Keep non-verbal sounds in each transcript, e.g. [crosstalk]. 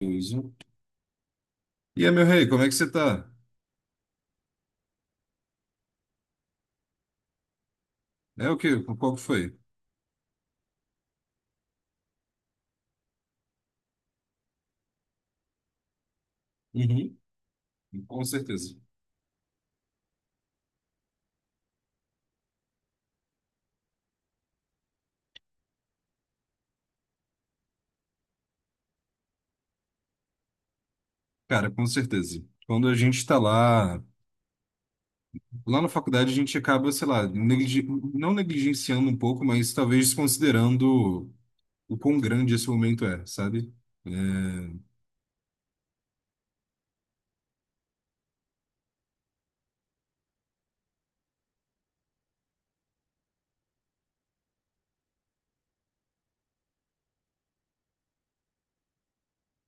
Beleza. E aí, meu rei, como é que você tá? É o quê? Qual que foi? Uhum. Com certeza. Cara, com certeza. Quando a gente tá lá, na faculdade, a gente acaba, sei lá, não negligenciando um pouco, mas talvez desconsiderando o quão grande esse momento é, sabe? É,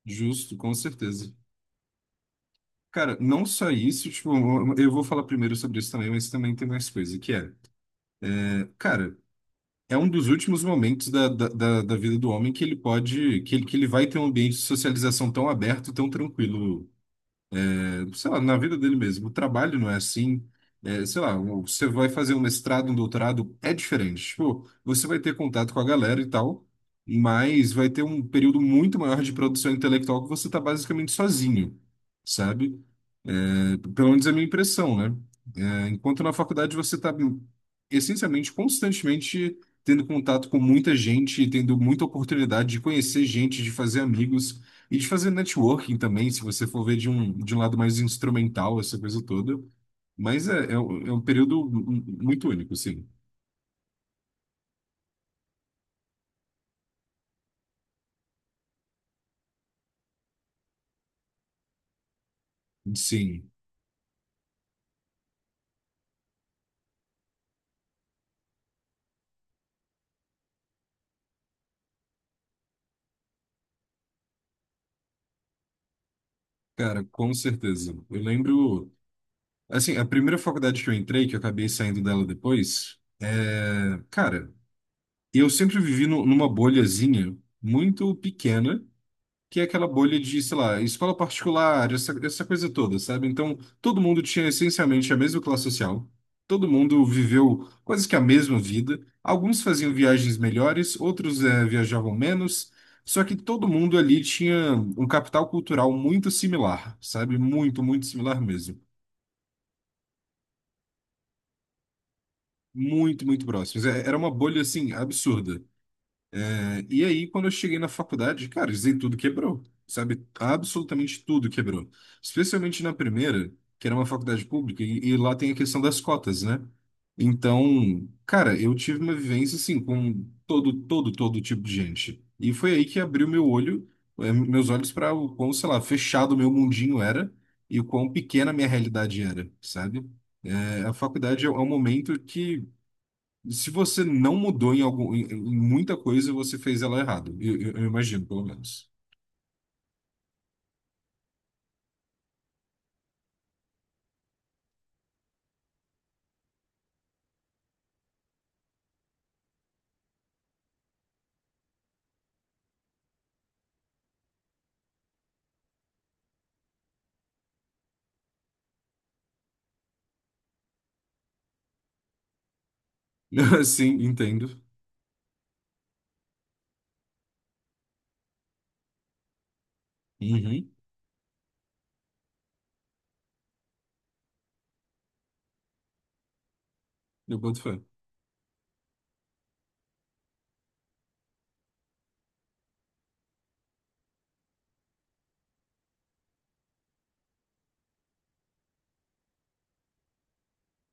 justo, com certeza. Cara, não só isso, tipo, eu vou falar primeiro sobre isso também, mas também tem mais coisa, que é, cara. É um dos últimos momentos da vida do homem que ele pode, que ele vai ter um ambiente de socialização tão aberto, tão tranquilo. É, sei lá, na vida dele mesmo. O trabalho não é assim. É, sei lá, você vai fazer um mestrado, um doutorado, é diferente. Tipo, você vai ter contato com a galera e tal, mas vai ter um período muito maior de produção intelectual que você está basicamente sozinho, sabe? Pelo menos é a minha impressão, né? É, enquanto na faculdade você está essencialmente, constantemente tendo contato com muita gente, tendo muita oportunidade de conhecer gente, de fazer amigos e de fazer networking também, se você for ver de um lado mais instrumental, essa coisa toda. Mas é um período muito único, sim. Sim, cara, com certeza. Eu lembro, assim, a primeira faculdade que eu entrei, que eu acabei saindo dela depois, é, cara. Eu sempre vivi numa bolhazinha muito pequena, que é aquela bolha de, sei lá, escola particular, essa coisa toda, sabe? Então, todo mundo tinha essencialmente a mesma classe social, todo mundo viveu quase que a mesma vida. Alguns faziam viagens melhores, outros viajavam menos, só que todo mundo ali tinha um capital cultural muito similar, sabe? Muito, muito similar mesmo. Muito, muito próximos. Era uma bolha, assim, absurda. É, e aí, quando eu cheguei na faculdade, cara, isso aí tudo quebrou, sabe? Absolutamente tudo quebrou. Especialmente na primeira, que era uma faculdade pública, e lá tem a questão das cotas, né? Então, cara, eu tive uma vivência, assim, com todo, todo, todo tipo de gente. E foi aí que abriu meu olho, meus olhos para o quão, sei lá, fechado meu mundinho era e o quão pequena a minha realidade era, sabe? A faculdade é um momento que, se você não mudou em, algum, em muita coisa, você fez ela errado. Eu imagino, pelo menos. [laughs] Sim, entendo. Uhum. Eu boto fé.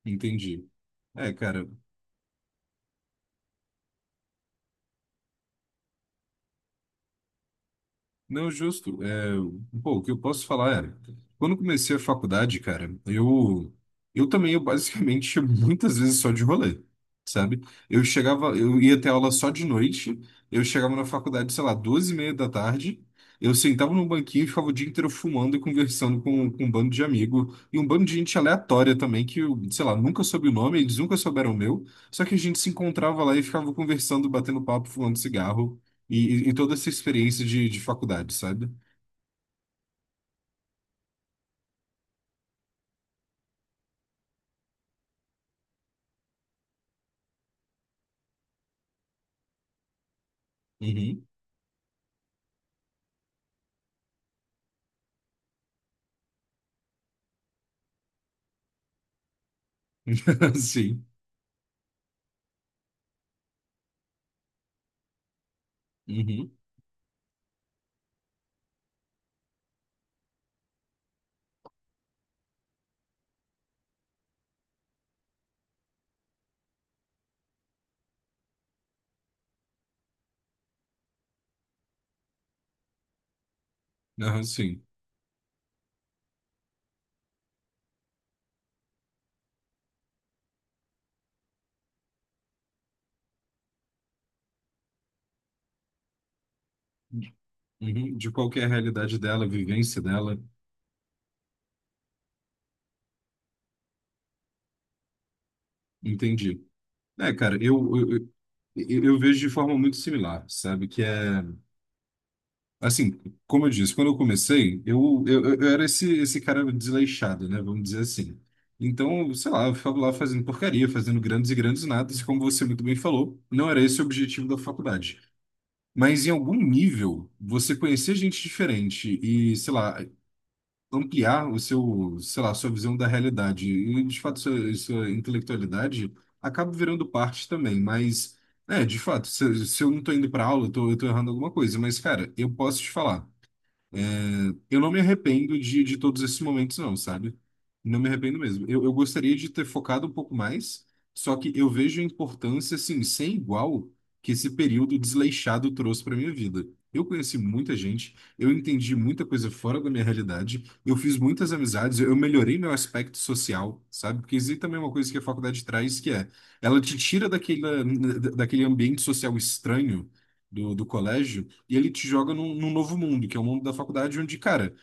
Entendi. É, cara. Não, justo. É, pô, o que eu posso falar é, quando comecei a faculdade, cara, eu também eu basicamente [laughs] muitas vezes só de rolê, sabe? Eu chegava, eu ia ter aula só de noite, eu chegava na faculdade, sei lá, 2:30 da tarde, eu sentava no banquinho e ficava o dia inteiro fumando e conversando com um bando de amigo e um bando de gente aleatória também que, eu, sei lá, nunca soube o nome, eles nunca souberam o meu, só que a gente se encontrava lá e ficava conversando, batendo papo, fumando cigarro. E, toda essa experiência de faculdade, sabe? Uhum. [laughs] Sim. Uhum. Aham, sim. Uhum. De qual que é a realidade dela, a vivência dela. Entendi. É, cara, eu vejo de forma muito similar, sabe? Que é, assim, como eu disse, quando eu comecei, eu era esse cara desleixado, né? Vamos dizer assim. Então, sei lá, eu ficava lá fazendo porcaria, fazendo grandes e grandes nadas, e como você muito bem falou, não era esse o objetivo da faculdade. Mas em algum nível, você conhecer gente diferente e, sei lá, ampliar o seu, sei lá, sua visão da realidade e, de fato, sua intelectualidade acaba virando parte também. Mas, é, de fato, se eu não tô indo pra aula, eu tô errando alguma coisa. Mas, cara, eu posso te falar. É, eu não me arrependo de todos esses momentos, não, sabe? Não me arrependo mesmo. Eu gostaria de ter focado um pouco mais, só que eu vejo a importância, assim, sem igual que esse período desleixado trouxe para minha vida. Eu conheci muita gente, eu entendi muita coisa fora da minha realidade, eu fiz muitas amizades, eu melhorei meu aspecto social, sabe? Porque existe também uma coisa que a faculdade traz, que é, ela te tira daquele, ambiente social estranho do colégio e ele te joga num novo mundo, que é o mundo da faculdade, onde, cara,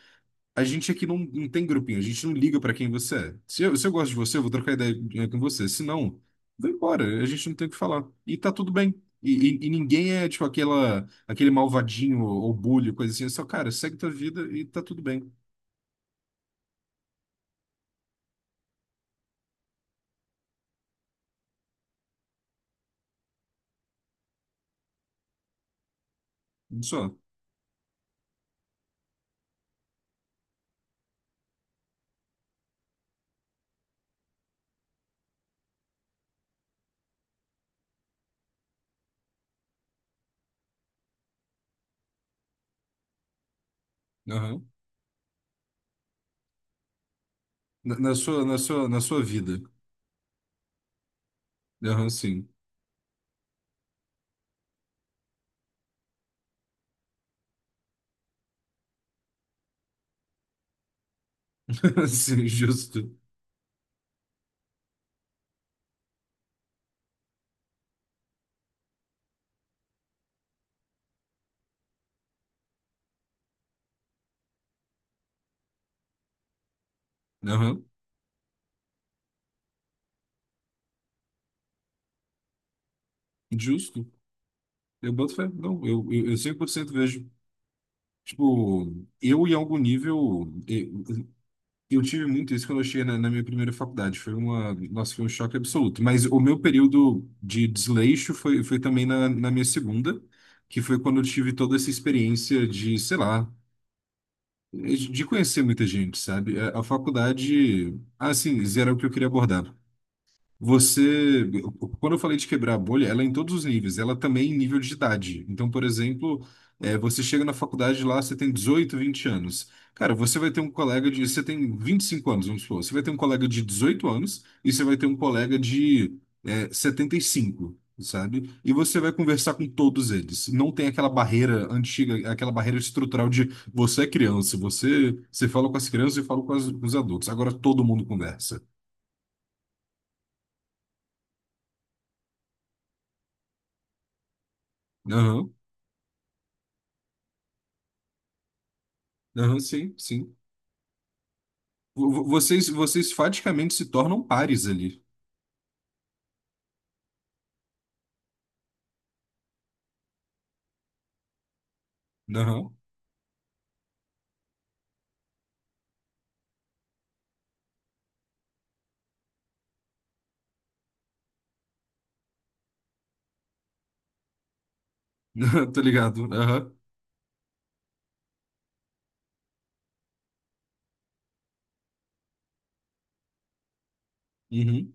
a gente aqui não tem grupinho, a gente não liga pra quem você é. Se eu gosto de você, eu vou trocar ideia com você. Se não, vai embora, a gente não tem o que falar. E tá tudo bem. E ninguém é, tipo, aquela, aquele malvadinho ou bully, coisa assim. É só, cara, segue tua vida e tá tudo bem. Só. Aham. Na sua vida. Aham, sim. [laughs] Sim, justo. Aham, justo. Eu boto fé. Não, eu 100% vejo. Tipo, eu em algum nível, eu tive muito isso quando eu cheguei na minha primeira faculdade. Foi uma, nossa, foi um choque absoluto. Mas o meu período de desleixo foi também na minha segunda, que foi quando eu tive toda essa experiência de, sei lá, de conhecer muita gente, sabe? A faculdade, assim, isso era o que eu queria abordar. Você, quando eu falei de quebrar a bolha, ela é em todos os níveis, ela também em nível de idade. Então, por exemplo, é, você chega na faculdade lá, você tem 18, 20 anos. Cara, você vai ter um colega de. Você tem 25 anos, vamos supor. Você vai ter um colega de 18 anos e você vai ter um colega de 75, sabe? E você vai conversar com todos eles. Não tem aquela barreira antiga, aquela barreira estrutural de você é criança, você fala com as crianças e fala com os adultos. Agora todo mundo conversa. Aham, sim, sim. Vocês faticamente se tornam pares ali. Aham. [laughs] Tá ligado. Aham. Uhum.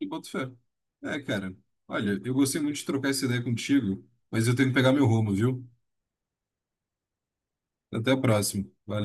E boto fé. É, cara. Olha, eu gostei muito de trocar essa ideia contigo, mas eu tenho que pegar meu rumo, viu? Até a próxima. Valeu.